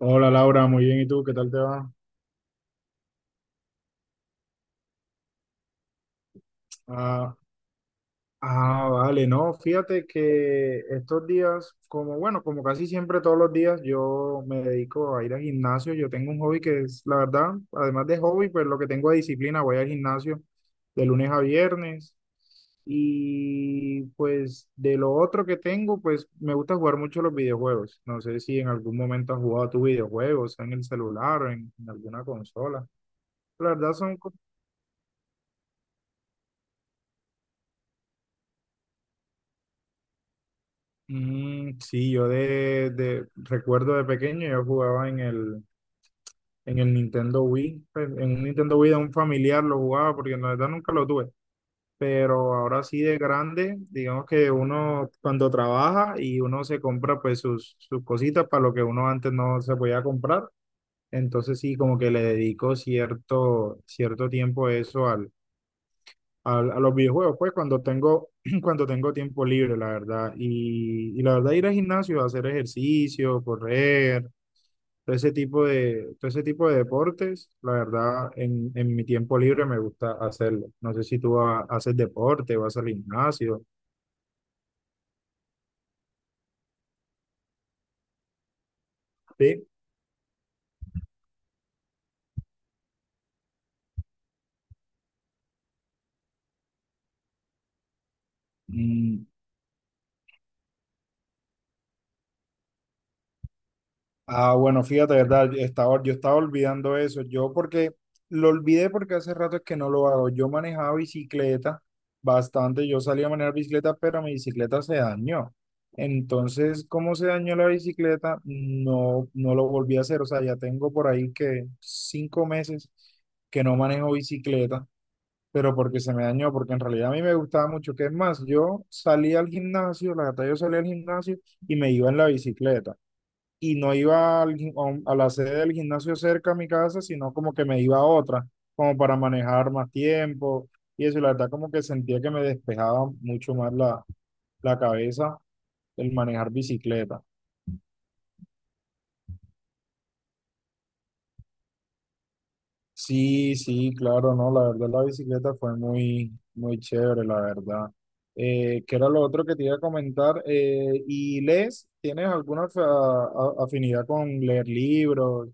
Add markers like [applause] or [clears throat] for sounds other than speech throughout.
Hola Laura, muy bien. ¿Y tú? ¿Qué tal te va? Ah, vale, no, fíjate que estos días, como bueno, como casi siempre todos los días, yo me dedico a ir al gimnasio. Yo tengo un hobby que es, la verdad, además de hobby, pues lo que tengo de disciplina, voy al gimnasio de lunes a viernes. Y pues de lo otro que tengo, pues me gusta jugar mucho los videojuegos. No sé si en algún momento has jugado tus videojuegos, en el celular o en alguna consola. La verdad son... Mm, sí, yo recuerdo de pequeño, yo jugaba en el Nintendo Wii, pues, en un Nintendo Wii de un familiar lo jugaba porque en la verdad nunca lo tuve, pero ahora sí de grande, digamos que uno cuando trabaja y uno se compra pues sus cositas para lo que uno antes no se podía comprar, entonces sí como que le dedico cierto tiempo eso a los videojuegos, pues cuando tengo, [clears throat] cuando tengo tiempo libre, la verdad. Y la verdad, ir al gimnasio, hacer ejercicio, correr, todo ese tipo de deportes, la verdad, en mi tiempo libre me gusta hacerlo. No sé si tú haces deporte, vas al gimnasio. Sí. Mm. Ah, bueno, fíjate, ¿verdad? Yo estaba olvidando eso. Yo porque lo olvidé porque hace rato es que no lo hago. Yo manejaba bicicleta bastante. Yo salía a manejar bicicleta, pero mi bicicleta se dañó. Entonces, ¿cómo se dañó la bicicleta? No lo volví a hacer. O sea, ya tengo por ahí que cinco meses que no manejo bicicleta, pero porque se me dañó, porque en realidad a mí me gustaba mucho. ¿Que es más? Yo salía al gimnasio, la verdad, yo salía al gimnasio y me iba en la bicicleta y no iba al a la sede del gimnasio cerca a mi casa, sino como que me iba a otra, como para manejar más tiempo y eso, y la verdad como que sentía que me despejaba mucho más la cabeza el manejar bicicleta. Sí, sí, claro, no, la verdad la bicicleta fue muy, muy chévere, la verdad. ¿Qué era lo otro que te iba a comentar? ¿Y lees? ¿Tienes alguna afinidad con leer libros?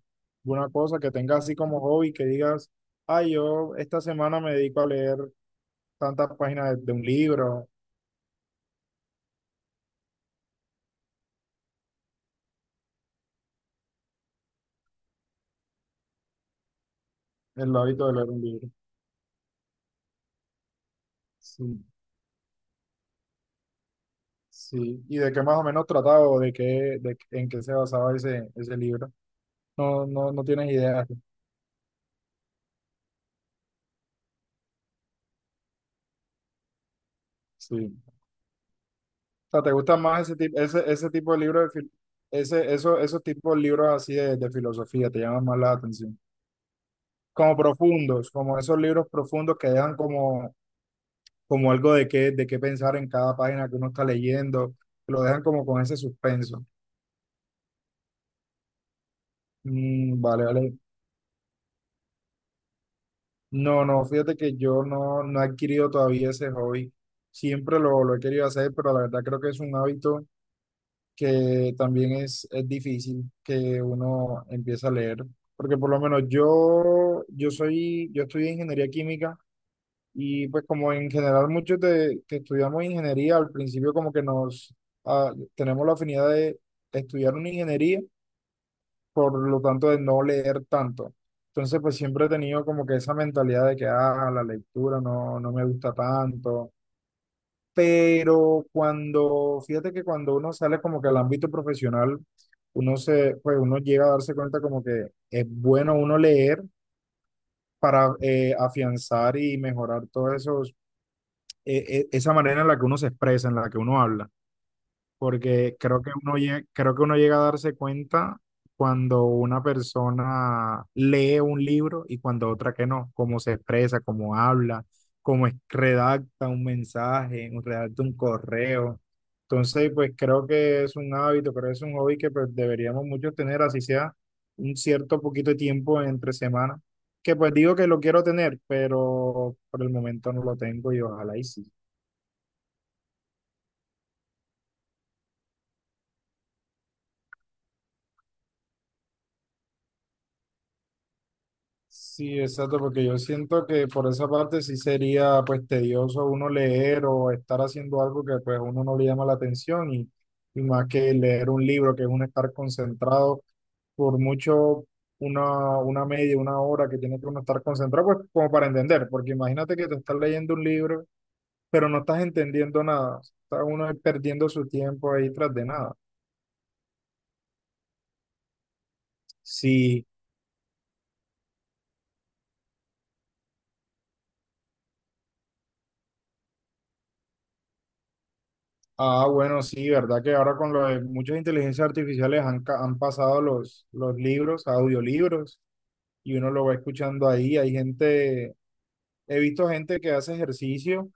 ¿Alguna cosa que tengas así como hobby que digas, ay, yo esta semana me dedico a leer tantas páginas de un libro, el hábito de leer un libro? Sí, sí. ¿Y de qué más o menos trataba o de qué, de, en qué se basaba ese libro? No, no, no tienes idea. Sí. sea, te gusta más ese tipo, ese tipo de libros de ese, eso, esos tipos de libros así de filosofía te llaman más la atención? Como profundos, como esos libros profundos que dejan como, como algo de qué pensar en cada página que uno está leyendo, lo dejan como con ese suspenso. Mm, vale, vale. No, no, fíjate que yo no, no he adquirido todavía ese hobby. Siempre lo he querido hacer, pero la verdad creo que es un hábito, que también es difícil que uno empiece a leer, porque por lo menos yo, yo soy, yo estudié ingeniería química y pues como en general muchos que estudiamos ingeniería, al principio como que ah, tenemos la afinidad de estudiar una ingeniería, por lo tanto de no leer tanto. Entonces pues siempre he tenido como que esa mentalidad de que, ah, la lectura no, no me gusta tanto, pero cuando, fíjate que cuando uno sale como que al ámbito profesional, pues uno llega a darse cuenta como que es bueno uno leer para afianzar y mejorar todo esos, esa manera en la que uno se expresa, en la que uno habla, porque creo que uno llega, creo que uno llega a darse cuenta cuando una persona lee un libro y cuando otra que no, cómo se expresa, cómo habla, cómo redacta un mensaje, redacta un correo. Entonces, pues creo que es un hábito, creo que es un hobby que pues deberíamos muchos tener, así sea un cierto poquito de tiempo entre semana, que pues digo que lo quiero tener, pero por el momento no lo tengo y ojalá y sí. Sí, exacto, porque yo siento que por esa parte sí sería pues tedioso uno leer o estar haciendo algo que pues a uno no le llama la atención, y más que leer un libro, que es uno estar concentrado por mucho una media, una hora que tiene que uno estar concentrado, pues como para entender, porque imagínate que te estás leyendo un libro, pero no estás entendiendo nada, está uno ahí perdiendo su tiempo ahí tras de nada. Sí. Ah, bueno, sí, verdad que ahora con lo de muchas inteligencias artificiales han, han pasado los libros, a audiolibros, y uno lo va escuchando ahí. Hay gente, he visto gente que hace ejercicio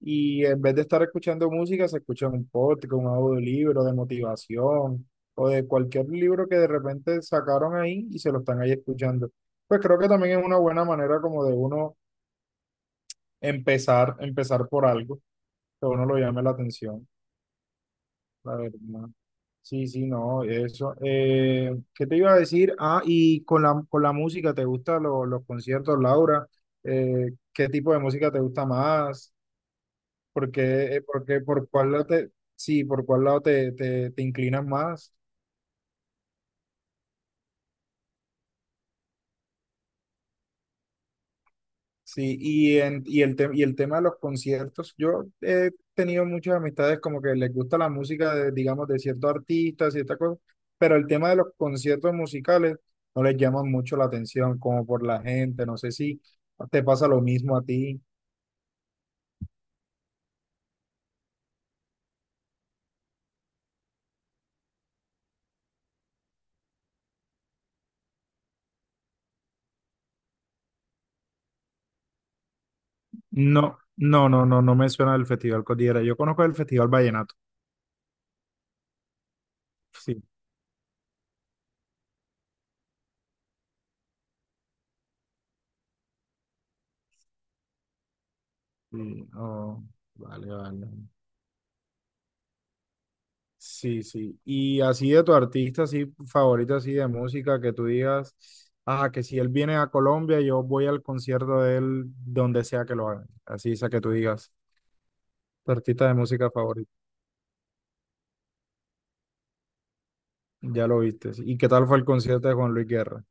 y en vez de estar escuchando música, se escucha un podcast, un audiolibro de motivación o de cualquier libro que de repente sacaron ahí y se lo están ahí escuchando. Pues creo que también es una buena manera como de uno empezar por algo que a uno lo llame la atención, la verdad. Sí, sí, no, eso. ¿Qué te iba a decir? Ah, y con con la música, ¿te gustan los conciertos, Laura? ¿Qué tipo de música te gusta más? ¿Por qué, por cuál lado te, sí, por cuál lado te inclinas más? Sí, y el y el tema de los conciertos, yo he tenido muchas amistades como que les gusta la música de, digamos, de ciertos artistas, ciertas cosas, pero el tema de los conciertos musicales no les llama mucho la atención, como por la gente, no sé si te pasa lo mismo a ti. No me suena el Festival Cordillera. Yo conozco el Festival Vallenato. Sí, sí, oh, vale, vale. Sí, sí. Y así de tu artista, así favorito, así de música, que tú digas, ah, que si él viene a Colombia, yo voy al concierto de él donde sea que lo hagan. Así esa que tú digas, tu artista de música favorito, ya lo viste. ¿Y qué tal fue el concierto de Juan Luis Guerra?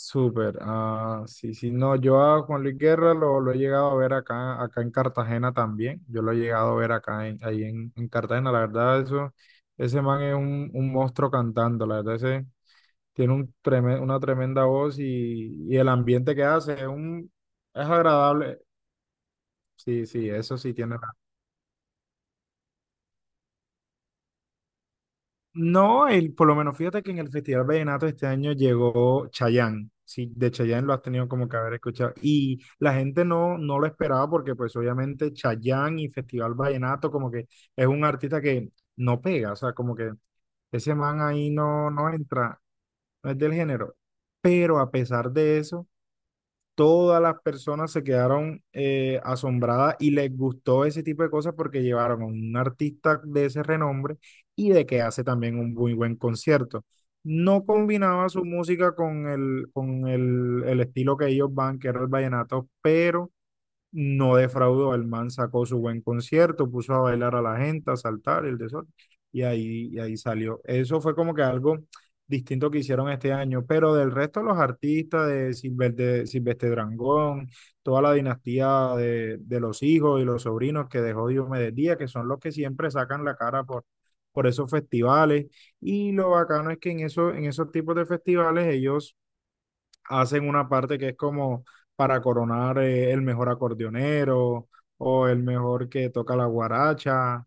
Súper. Ah, sí, sí. No, yo a Juan Luis Guerra lo he llegado a ver acá, acá en Cartagena también. Yo lo he llegado a ver acá, ahí en Cartagena. La verdad, eso, ese man es un monstruo cantando, la verdad, ese tiene un una tremenda voz y el ambiente que hace es, un, es agradable. Sí, sí, eso sí tiene. Ra- No, el, por lo menos fíjate que en el Festival Vallenato este año llegó Chayanne. Sí, de Chayanne lo has tenido como que haber escuchado. Y la gente no, no lo esperaba porque pues obviamente Chayanne y Festival Vallenato como que es un artista que no pega, o sea, como que ese man ahí no, no entra, no es del género. Pero a pesar de eso todas las personas se quedaron asombradas y les gustó ese tipo de cosas porque llevaron a un artista de ese renombre y de que hace también un muy buen concierto. No combinaba su música con el estilo que ellos van, que era el vallenato, pero no defraudó, el man sacó su buen concierto, puso a bailar a la gente, a saltar el desorden, y ahí salió. Eso fue como que algo distinto que hicieron este año, pero del resto los artistas de, Silver, de Silvestre Drangón, toda la dinastía de los hijos y los sobrinos que dejó Diomedes Díaz, que son los que siempre sacan la cara por esos festivales, y lo bacano es que en, eso, en esos tipos de festivales ellos hacen una parte que es como para coronar el mejor acordeonero o el mejor que toca la guaracha,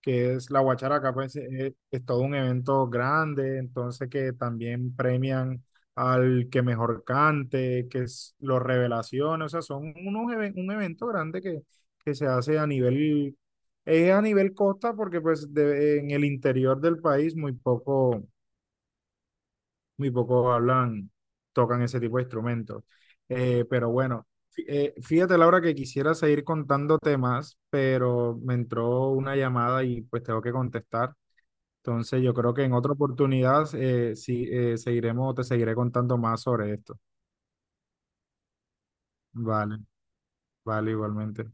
que es la guacharaca, pues todo un evento grande, entonces que también premian al que mejor cante, que es los revelaciones, o sea, son unos un evento grande que se hace a nivel, es a nivel costa porque pues en el interior del país muy poco muy pocos hablan, tocan ese tipo de instrumentos. Pero bueno, fíjate, Laura, que quisiera seguir contando temas, pero me entró una llamada y pues tengo que contestar. Entonces yo creo que en otra oportunidad sí, seguiremos, te seguiré contando más sobre esto. Vale, vale, igualmente.